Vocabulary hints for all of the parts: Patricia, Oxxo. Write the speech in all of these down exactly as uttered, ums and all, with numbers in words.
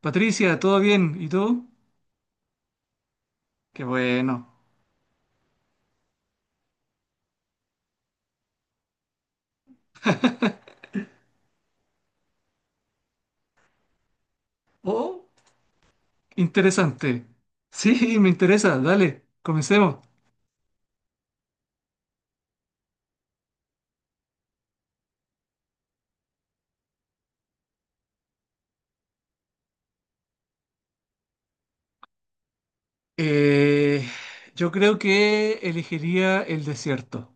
Patricia, ¿todo bien? ¿Y tú? Qué bueno. Oh, interesante. Sí, me interesa. Dale, comencemos. Eh, yo creo que elegiría el desierto,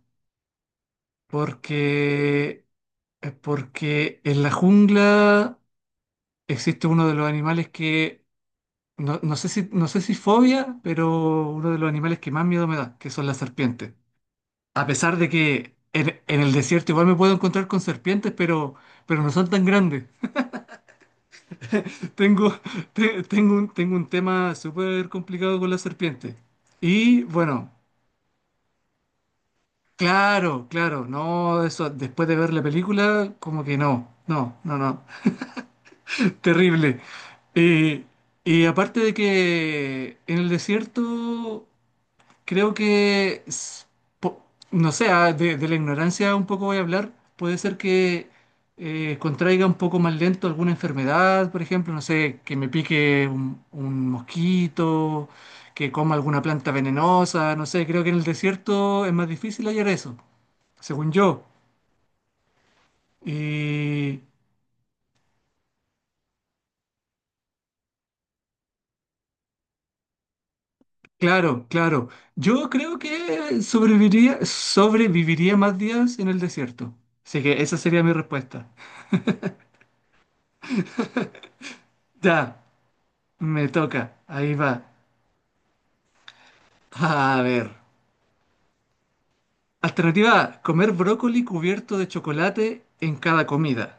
porque, eh, porque en la jungla existe uno de los animales que, no, no sé si, no sé si fobia, pero uno de los animales que más miedo me da, que son las serpientes. A pesar de que en, en el desierto igual me puedo encontrar con serpientes, pero, pero no son tan grandes. Tengo, te- tengo un, tengo un tema súper complicado con la serpiente. Y bueno, claro, claro, no, eso después de ver la película, como que no, no, no, no, terrible. Y, y aparte de que en el desierto creo que, s- po- no sé, ah, de, de la ignorancia un poco voy a hablar. Puede ser que eh, contraiga un poco más lento alguna enfermedad, por ejemplo, no sé, que me pique un, un mosquito, que coma alguna planta venenosa, no sé, creo que en el desierto es más difícil hallar eso, según yo. Y claro, claro, yo creo que sobreviviría, sobreviviría más días en el desierto. Así que esa sería mi respuesta. Ya. Me toca, ahí va. A ver. Alternativa A, comer brócoli cubierto de chocolate en cada comida.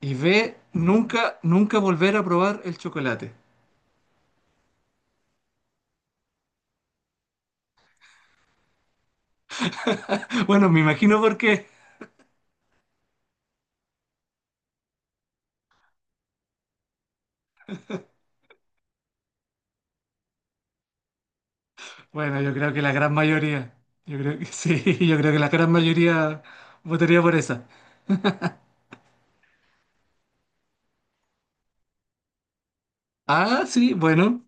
Y B, nunca, nunca volver a probar el chocolate. Bueno, me imagino por qué. Bueno, yo creo que la gran mayoría. Yo creo que sí, yo creo que la gran mayoría votaría por esa. Ah, sí, bueno.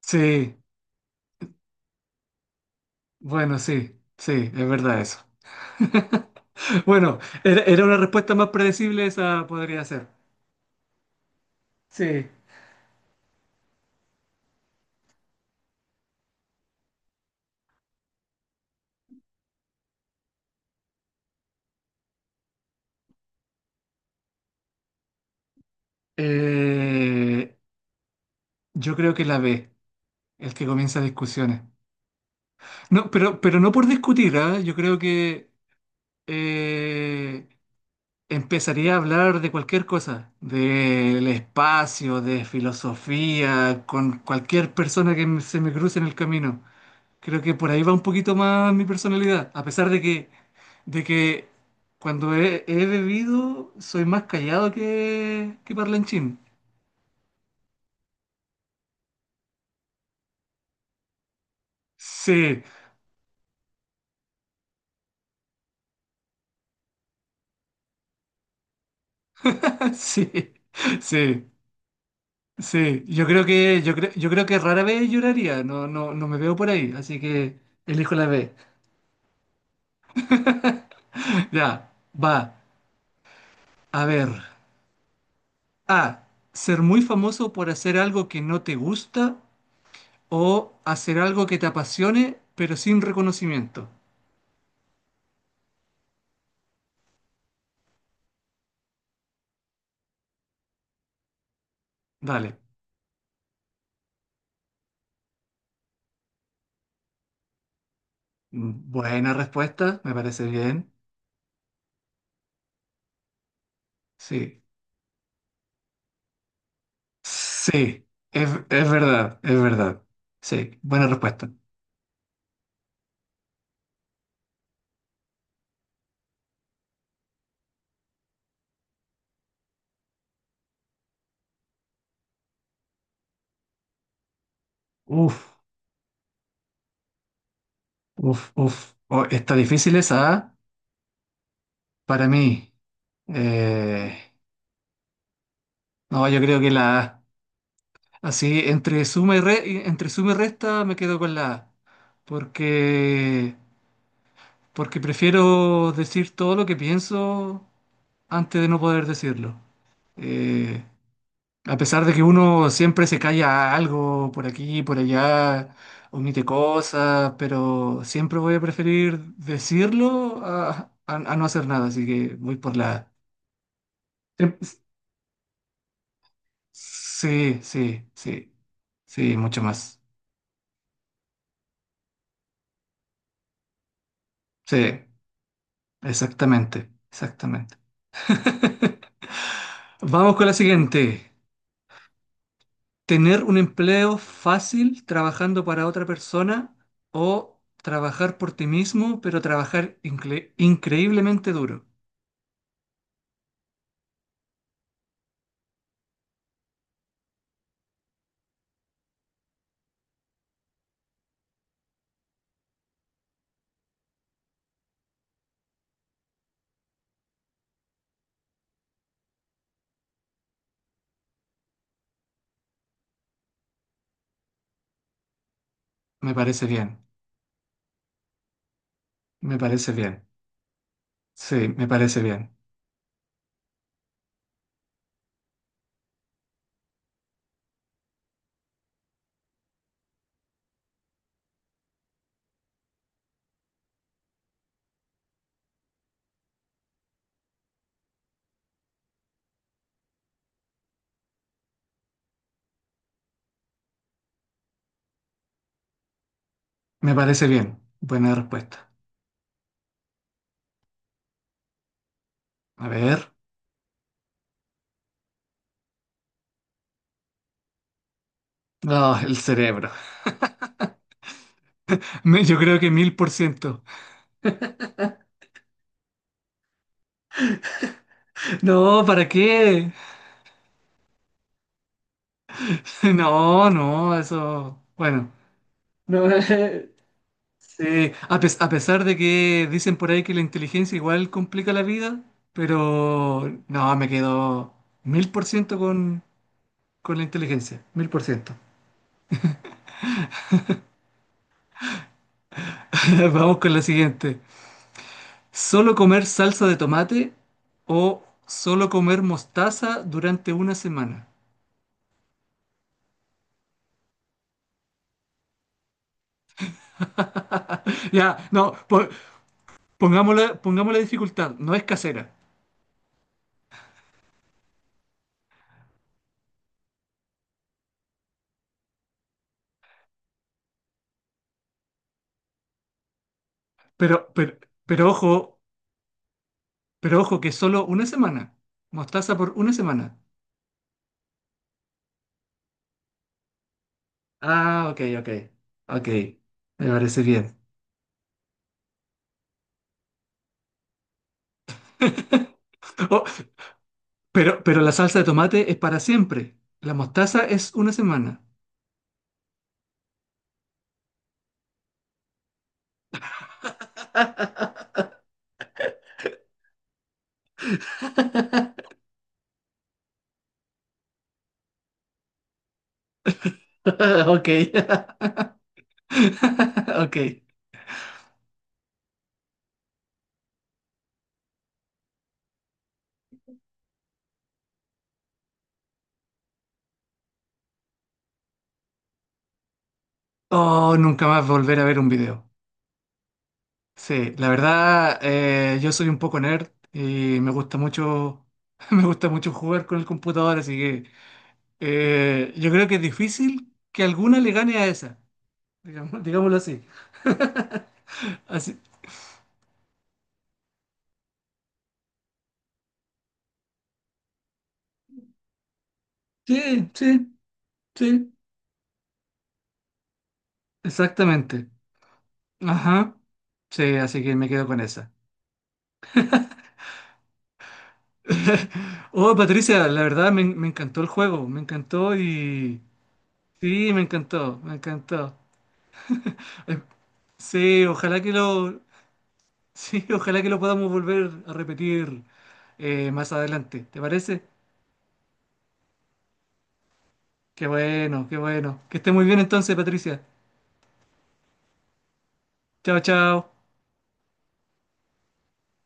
Sí, bueno, sí, sí, es verdad eso. Bueno, era, era una respuesta más predecible, esa podría ser. Sí. Eh, Yo creo que la B, el que comienza discusiones. No, pero, pero no por discutir, ¿ah? Yo creo que eh, empezaría a hablar de cualquier cosa, del espacio, de filosofía, con cualquier persona que me- se me cruce en el camino. Creo que por ahí va un poquito más mi personalidad, a pesar de que, de que cuando he, he bebido soy más callado que, que parlanchín. Sí, sí, sí. Sí, yo creo que, yo creo, yo creo que rara vez lloraría, no, no, no me veo por ahí, así que elijo la B. Ya, va, a ver. A, ser muy famoso por hacer algo que no te gusta o hacer algo que te apasione, pero sin reconocimiento. Dale. Mm, buena respuesta, me parece bien. Sí. Sí, es, es verdad, es verdad. Sí, buena respuesta. Uf, uf, uf. Oh, está difícil esa, ¿ah? Para mí, eh, no, yo creo que la, así, entre suma y re- entre suma y resta me quedo con la A, porque, porque prefiero decir todo lo que pienso antes de no poder decirlo. Eh, a pesar de que uno siempre se calla algo por aquí, por allá, omite cosas, pero siempre voy a preferir decirlo a, a- a no hacer nada, así que voy por la A. Sí, sí, sí, sí, mucho más. Sí, exactamente, exactamente. Vamos con la siguiente. ¿Tener un empleo fácil trabajando para otra persona o trabajar por ti mismo, pero trabajar incre- increíblemente duro? Me parece bien, me parece bien. Sí, me parece bien, me parece bien. Buena respuesta. A ver. Ah, el cerebro. Me- Yo creo que mil por ciento. No, ¿para qué? No, no, eso, bueno, no, sí, a, pes- a pesar de que dicen por ahí que la inteligencia igual complica la vida, pero no, me quedo mil por ciento con, con la inteligencia, mil por ciento. Vamos con la siguiente. ¿Solo comer salsa de tomate o solo comer mostaza durante una semana? Ya, no, po- pongámosle, pongamos la dificultad, no es casera, pero, pero, pero ojo. Pero ojo, que solo una semana. Mostaza por una semana. Ah, ok, ok. Ok. Me parece bien. Oh, pero, pero la salsa de tomate es para siempre. La mostaza es una semana. Ok. Ok. Oh, nunca más volver a ver un video. Sí, la verdad, eh, yo soy un poco nerd y me gusta mucho, me gusta mucho jugar con el computador, así que Eh, yo creo que es difícil que alguna le gane a esa, digamos- digámoslo así. Así, sí, sí, sí, exactamente. Ajá, sí, así que me quedo con esa. Oh, Patricia, la verdad me, me encantó el juego, me encantó y... Sí, me encantó, me encantó. Eh, Sí, ojalá que lo... Sí, ojalá que lo podamos volver a repetir eh, más adelante, ¿te parece? Qué bueno, qué bueno. Que esté muy bien entonces, Patricia. Chao, chao.